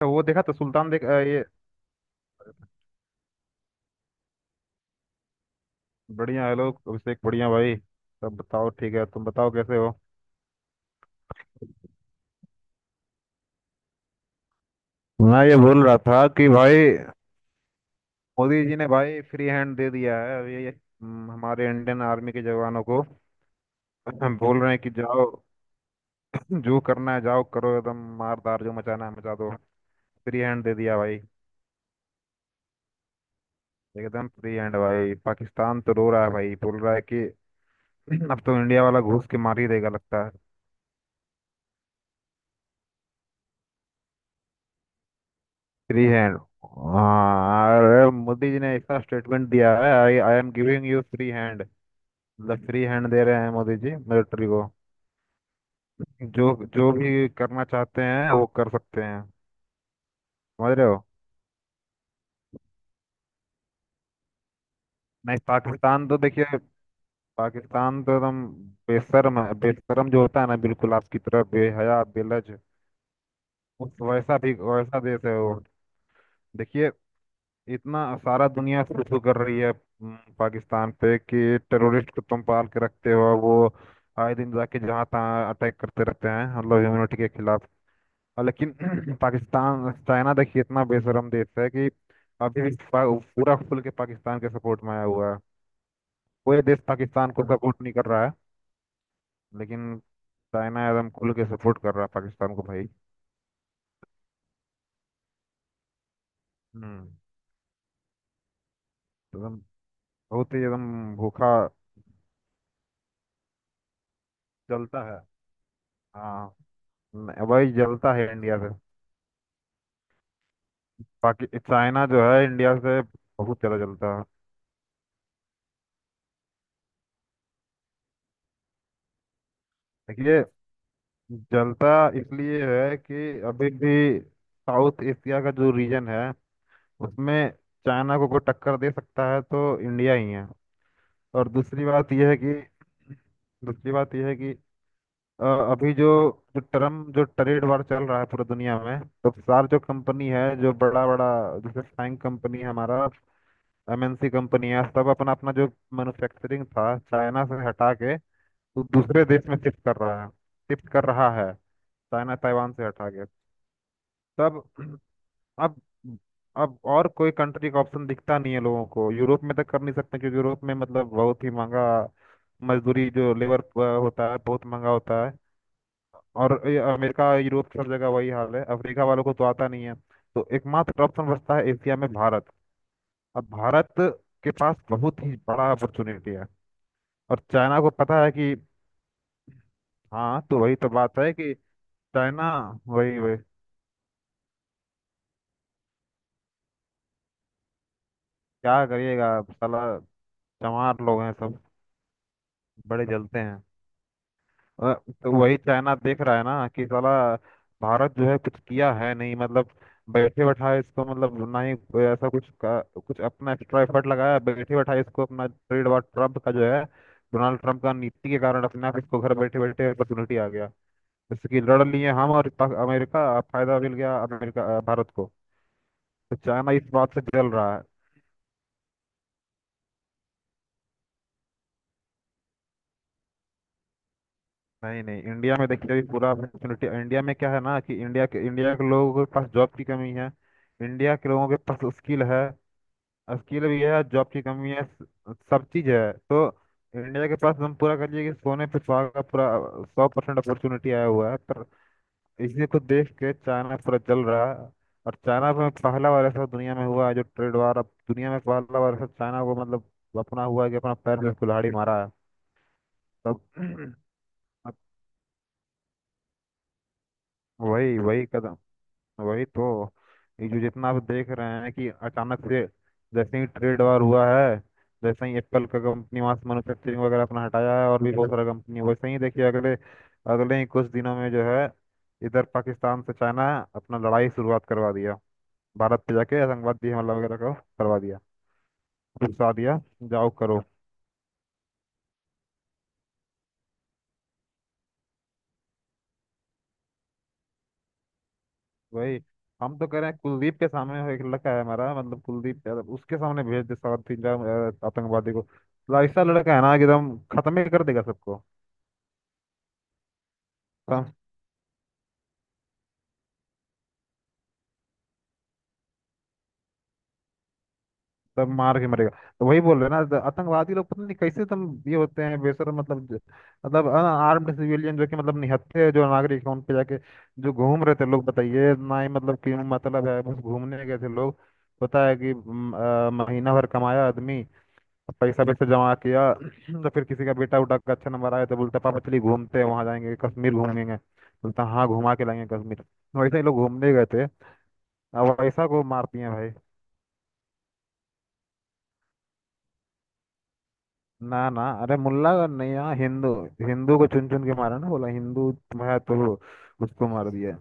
तो वो देखा तो सुल्तान देख ये बढ़िया है लोग। अभिषेक बढ़िया भाई। सब बताओ ठीक है, तुम बताओ कैसे हो। मैं ये बोल रहा था कि भाई मोदी जी ने भाई फ्री हैंड दे दिया है अब ये हमारे इंडियन आर्मी के जवानों को बोल रहे हैं कि जाओ जो करना है, जाओ करो, एकदम मारदार जो मचाना है मचा दो। फ्री हैंड दे दिया भाई। एकदम फ्री हैंड भाई, पाकिस्तान तो रो रहा है भाई, बोल रहा है कि अब तो इंडिया वाला घुस के मार ही देगा लगता है। Free hand. हाँ अरे मोदी जी ने ऐसा स्टेटमेंट दिया है, I I am giving you free hand. मतलब फ्री हैंड दे रहे हैं मोदी जी मिलिट्री को। जो जो भी करना चाहते हैं वो कर सकते हैं। समझ रहे हो। नहीं पाकिस्तान तो देखिए, पाकिस्तान तो एकदम बेशर्म है। बेशर्म जो होता है ना बिल्कुल आपकी तरह बेहया बेलज, उस वैसा भी वैसा देश है वो। देखिए इतना सारा दुनिया शुरू कर रही है पाकिस्तान पे कि टेररिस्ट को तुम पाल के रखते हो, वो आए दिन जाके जहाँ तहाँ अटैक करते रहते हैं मतलब ह्यूमनिटी के खिलाफ। और लेकिन पाकिस्तान चाइना, देखिए इतना बेशरम देश है कि अभी भी पूरा खुल के पाकिस्तान के सपोर्ट में आया हुआ है। कोई देश पाकिस्तान को सपोर्ट नहीं कर रहा है, लेकिन चाइना एकदम खुल के सपोर्ट कर रहा है पाकिस्तान को भाई। हम्म। एकदम बहुत ही एकदम भूखा जलता है। हाँ। वही जलता है इंडिया से। पाकि चाइना जो है इंडिया से बहुत ज़्यादा जलता है। देखिए जलता इसलिए है कि अभी भी साउथ एशिया का जो रीजन है उसमें चाइना को कोई टक्कर दे सकता है तो इंडिया ही है। और दूसरी बात यह है कि दूसरी बात यह है कि अ, अभी जो जो टर्म जो ट्रेड वार चल रहा है पूरी दुनिया में, तो सार जो कंपनी है, जो बड़ा बड़ा जैसे फाइन कंपनी है हमारा, एमएनसी कंपनी है, सब अपना अपना जो मैन्युफैक्चरिंग था चाइना से हटा के वो दूसरे देश में शिफ्ट कर रहा है। चाइना ताइवान से हटा के। तब अब अब और कोई कंट्री का ऑप्शन दिखता नहीं है लोगों को। यूरोप में तक कर नहीं सकते क्योंकि यूरोप में मतलब बहुत ही महंगा मजदूरी जो लेबर होता है बहुत महंगा होता है। और ये अमेरिका, यूरोप सब जगह वही हाल है। अफ्रीका वालों को तो आता नहीं है। तो एकमात्र ऑप्शन बचता है एशिया में भारत। अब भारत के पास बहुत ही बड़ा अपॉर्चुनिटी है। और चाइना को पता है कि, हाँ तो वही तो बात है कि चाइना, वही वही, क्या करिएगा साला चमार लोग हैं सब, बड़े जलते हैं। अ, तो वही चाइना देख रहा है ना कि साला भारत जो है कुछ किया है नहीं। मतलब बैठे बैठाए इसको, मतलब ना ही कोई ऐसा कुछ अपना एक्स्ट्रा एफर्ट लगाया, बैठे बैठाए इसको अपना ट्रेड वॉर ट्रम्प का जो है डोनाल्ड ट्रम्प का नीति के कारण अपने आप इसको घर बैठे बैठे अपॉर्चुनिटी आ गया। जैसे कि लड़ लिए हम और अमेरिका, फायदा मिल गया अमेरिका भारत को। तो चाइना इस बात से जल रहा है। नहीं नहीं, इंडिया में देखिए अभी पूरा अपॉर्चुनिटी इंडिया में क्या है ना कि इंडिया के लोगों के पास जॉब की कमी है। इंडिया के लोगों के पास स्किल है, स्किल भी है, जॉब की कमी है, सब चीज़ है तो इंडिया के पास हम पूरा कहिए कि सोने पे सुहागा का पूरा 100% अपॉर्चुनिटी आया हुआ है। पर इसी को देख के चाइना पूरा जल रहा है। और चाइना में पहला बार ऐसा दुनिया में हुआ है, जो ट्रेड वार, अब दुनिया में पहला बार ऐसा चाइना को मतलब अपना हुआ है कि अपना पैर में कुल्हाड़ी मारा है। तब अब वही वही कदम, वही तो ये जो जितना आप देख रहे हैं कि अचानक से जैसे ही ट्रेड वार हुआ है, जैसे ही एप्पल का कंपनी वहां से मैन्युफैक्चरिंग वगैरह अपना हटाया है और भी बहुत सारा कंपनी वैसे ही। देखिए अगले अगले ही कुछ दिनों में जो है इधर पाकिस्तान से चाइना अपना लड़ाई शुरुआत करवा दिया, भारत पे जाके आतंकवादी हमला वगैरह का करवा दिया, उकसा दिया, जाओ करो। वही, हम तो कह रहे हैं कुलदीप के सामने एक लड़का है हमारा मतलब कुलदीप यादव, उसके सामने भेज दे सात तीन चार आतंकवादी को। ऐसा लड़का है ना कि एकदम खत्म ही कर देगा सबको, सब। सब मार के मरेगा। तो वही बोल रहे हैं ना, तो आतंकवादी लोग पता नहीं कैसे तुम ये होते हैं बेसर, मतलब मतलब आर्म्ड सिविलियन जो कि मतलब निहत्थे जो नागरिक हैं उन पे जाके, जो घूम रहे थे लोग, बताइए ना ही मतलब क्यों, मतलब है बस घूमने गए थे लोग। पता है कि महीना भर कमाया आदमी, पैसा वैसा जमा किया, तो फिर किसी का बेटा उठा के अच्छे नंबर आया तो बोलता पापा चलिए घूमते हैं, वहाँ जाएंगे कश्मीर घूमेंगे। बोलता हाँ घुमा के लाएंगे कश्मीर, तो वैसे ही लोग घूमने गए थे। अब वैसा को मार दिया भाई। ना ना अरे, मुल्ला नहीं, यहाँ हिंदू, हिंदू को चुन चुन के मारा, ना बोला हिंदू है तो उसको मार दिया।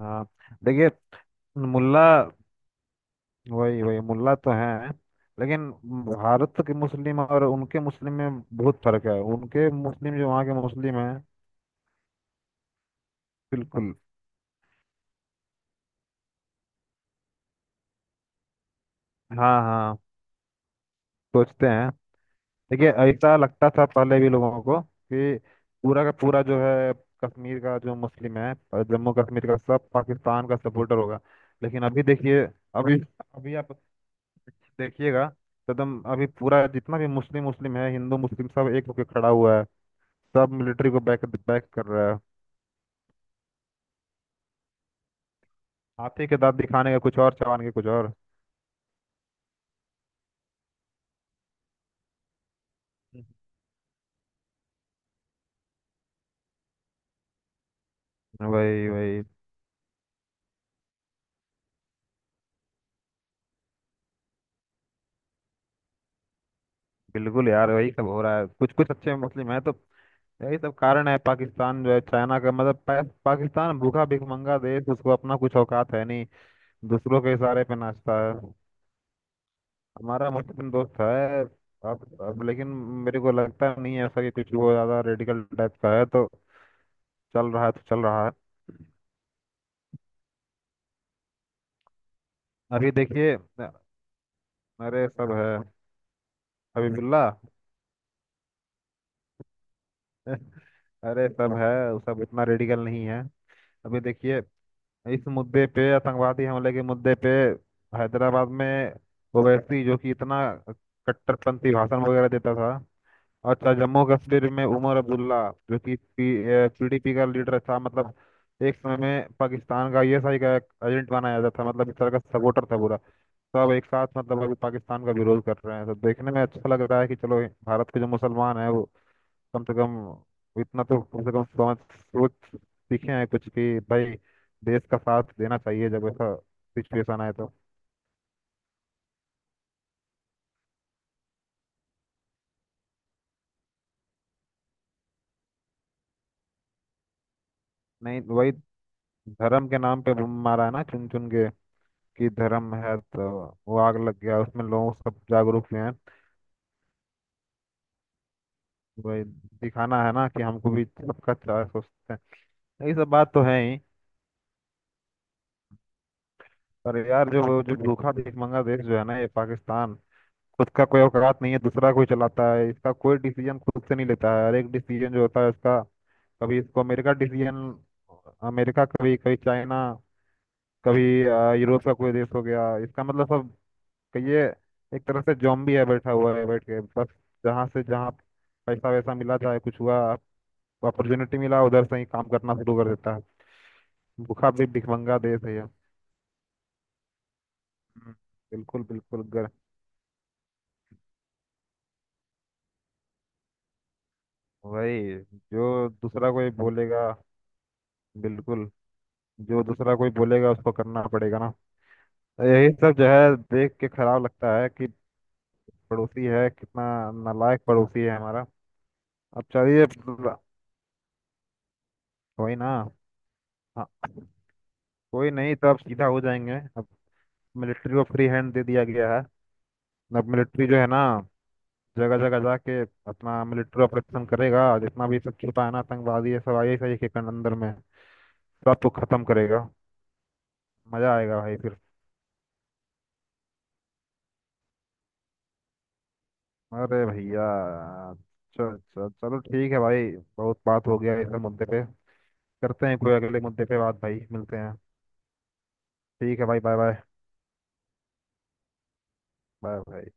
हाँ। देखिए मुल्ला, वही वही मुल्ला तो है, लेकिन भारत के मुस्लिम और उनके मुस्लिम में बहुत फर्क है। उनके मुस्लिम जो, वहाँ के मुस्लिम हैं। बिल्कुल। हाँ हाँ, सोचते हैं। देखिए ऐसा लगता था पहले भी लोगों को कि पूरा का पूरा जो है कश्मीर का जो मुस्लिम है और जम्मू कश्मीर का, सब पाकिस्तान का सपोर्टर होगा। लेकिन अभी देखिए, अभी अभी आप देखिएगा तो एकदम अभी पूरा जितना भी मुस्लिम मुस्लिम है, हिंदू मुस्लिम सब एक होकर खड़ा हुआ है। सब मिलिट्री को बैक बैक कर रहा है। हाथी के दांत दिखाने का कुछ और चबाने के कुछ और। वही वही, बिल्कुल यार वही सब हो रहा है, कुछ कुछ अच्छे मुस्लिम है तो यही सब कारण है। पाकिस्तान जो है चाइना का मतलब पाकिस्तान भूखा भिखमंगा देश, उसको अपना कुछ औकात है नहीं, दूसरों के इशारे पे नाचता है। हमारा मुस्लिम दोस्त है। अब लेकिन मेरे को लगता नहीं है ऐसा कि कुछ वो ज्यादा रेडिकल टाइप का है, तो चल रहा है तो चल रहा है। अभी देखिए, अरे सब है, हबीबुल्ला अरे सब है, वो सब इतना रेडिकल नहीं है। अभी देखिए इस मुद्दे पे, आतंकवादी हमले के मुद्दे पे, हैदराबाद में ओवैसी जो कि इतना कट्टरपंथी भाषण वगैरह देता था, अच्छा जम्मू कश्मीर में उमर अब्दुल्ला जो कि पीडीपी का लीडर था, मतलब एक समय में पाकिस्तान का आईएसआई का एजेंट माना जाता था, मतलब इस तरह का सपोर्टर था पूरा, सब एक साथ मतलब अभी पाकिस्तान का विरोध कर रहे हैं। तो देखने में अच्छा लग रहा है कि चलो भारत के जो मुसलमान हैं वो कम से कम, इतना तो कम से कम समझ सोच सीखे हैं कुछ कि भाई देश का साथ देना चाहिए जब ऐसा सिचुएशन आए तो। नहीं वही, धर्म के नाम पे वो मारा है ना चुन चुन के, कि धर्म है तो, वो आग लग गया उसमें लोग सब जागरूक हुए हैं। वही दिखाना है ना कि हमको भी सबका अच्छा सोचते हैं, यही सब बात तो है ही। पर यार जो, जो भूखा भीख मंगा देश जो है ना ये पाकिस्तान, खुद का कोई औकात नहीं है, दूसरा कोई चलाता है, इसका कोई डिसीजन खुद से नहीं लेता है। हर एक डिसीजन जो होता है इसका, कभी इसको अमेरिका डिसीजन, अमेरिका कभी, कभी चाइना, कभी यूरोप का कोई देश, हो गया इसका मतलब सब। कहिए एक तरह से जॉम्बी है, बैठा हुआ है, बैठ के बस जहाँ से जहाँ पैसा वैसा मिला चाहे कुछ हुआ, अपॉर्चुनिटी मिला उधर से ही काम करना शुरू कर देता है। भूखा भी भिखमंगा देश है ये। हम्म, बिल्कुल बिल्कुल गर वही, जो दूसरा कोई बोलेगा, बिल्कुल, जो दूसरा कोई बोलेगा उसको करना पड़ेगा ना। तो यही सब जो है देख के खराब लगता है कि पड़ोसी है, कितना नालायक पड़ोसी है हमारा। अब चलिए कोई ना, हाँ कोई नहीं, तो अब सीधा हो जाएंगे अब। मिलिट्री को फ्री हैंड दे दिया गया है। अब मिलिट्री जो है ना, जगह जगह जाके अपना मिलिट्री ऑपरेशन करेगा, जितना भी सब छुपा है ना आतंकवादी ये सब आई सही के अंदर में सबको खत्म करेगा। मजा आएगा भाई फिर। अरे भैया चल चल, चलो ठीक है भाई, बहुत बात हो गया इस मुद्दे पे, करते हैं कोई अगले मुद्दे पे बात। भाई मिलते हैं, ठीक है भाई। Bye bye. Bye bye.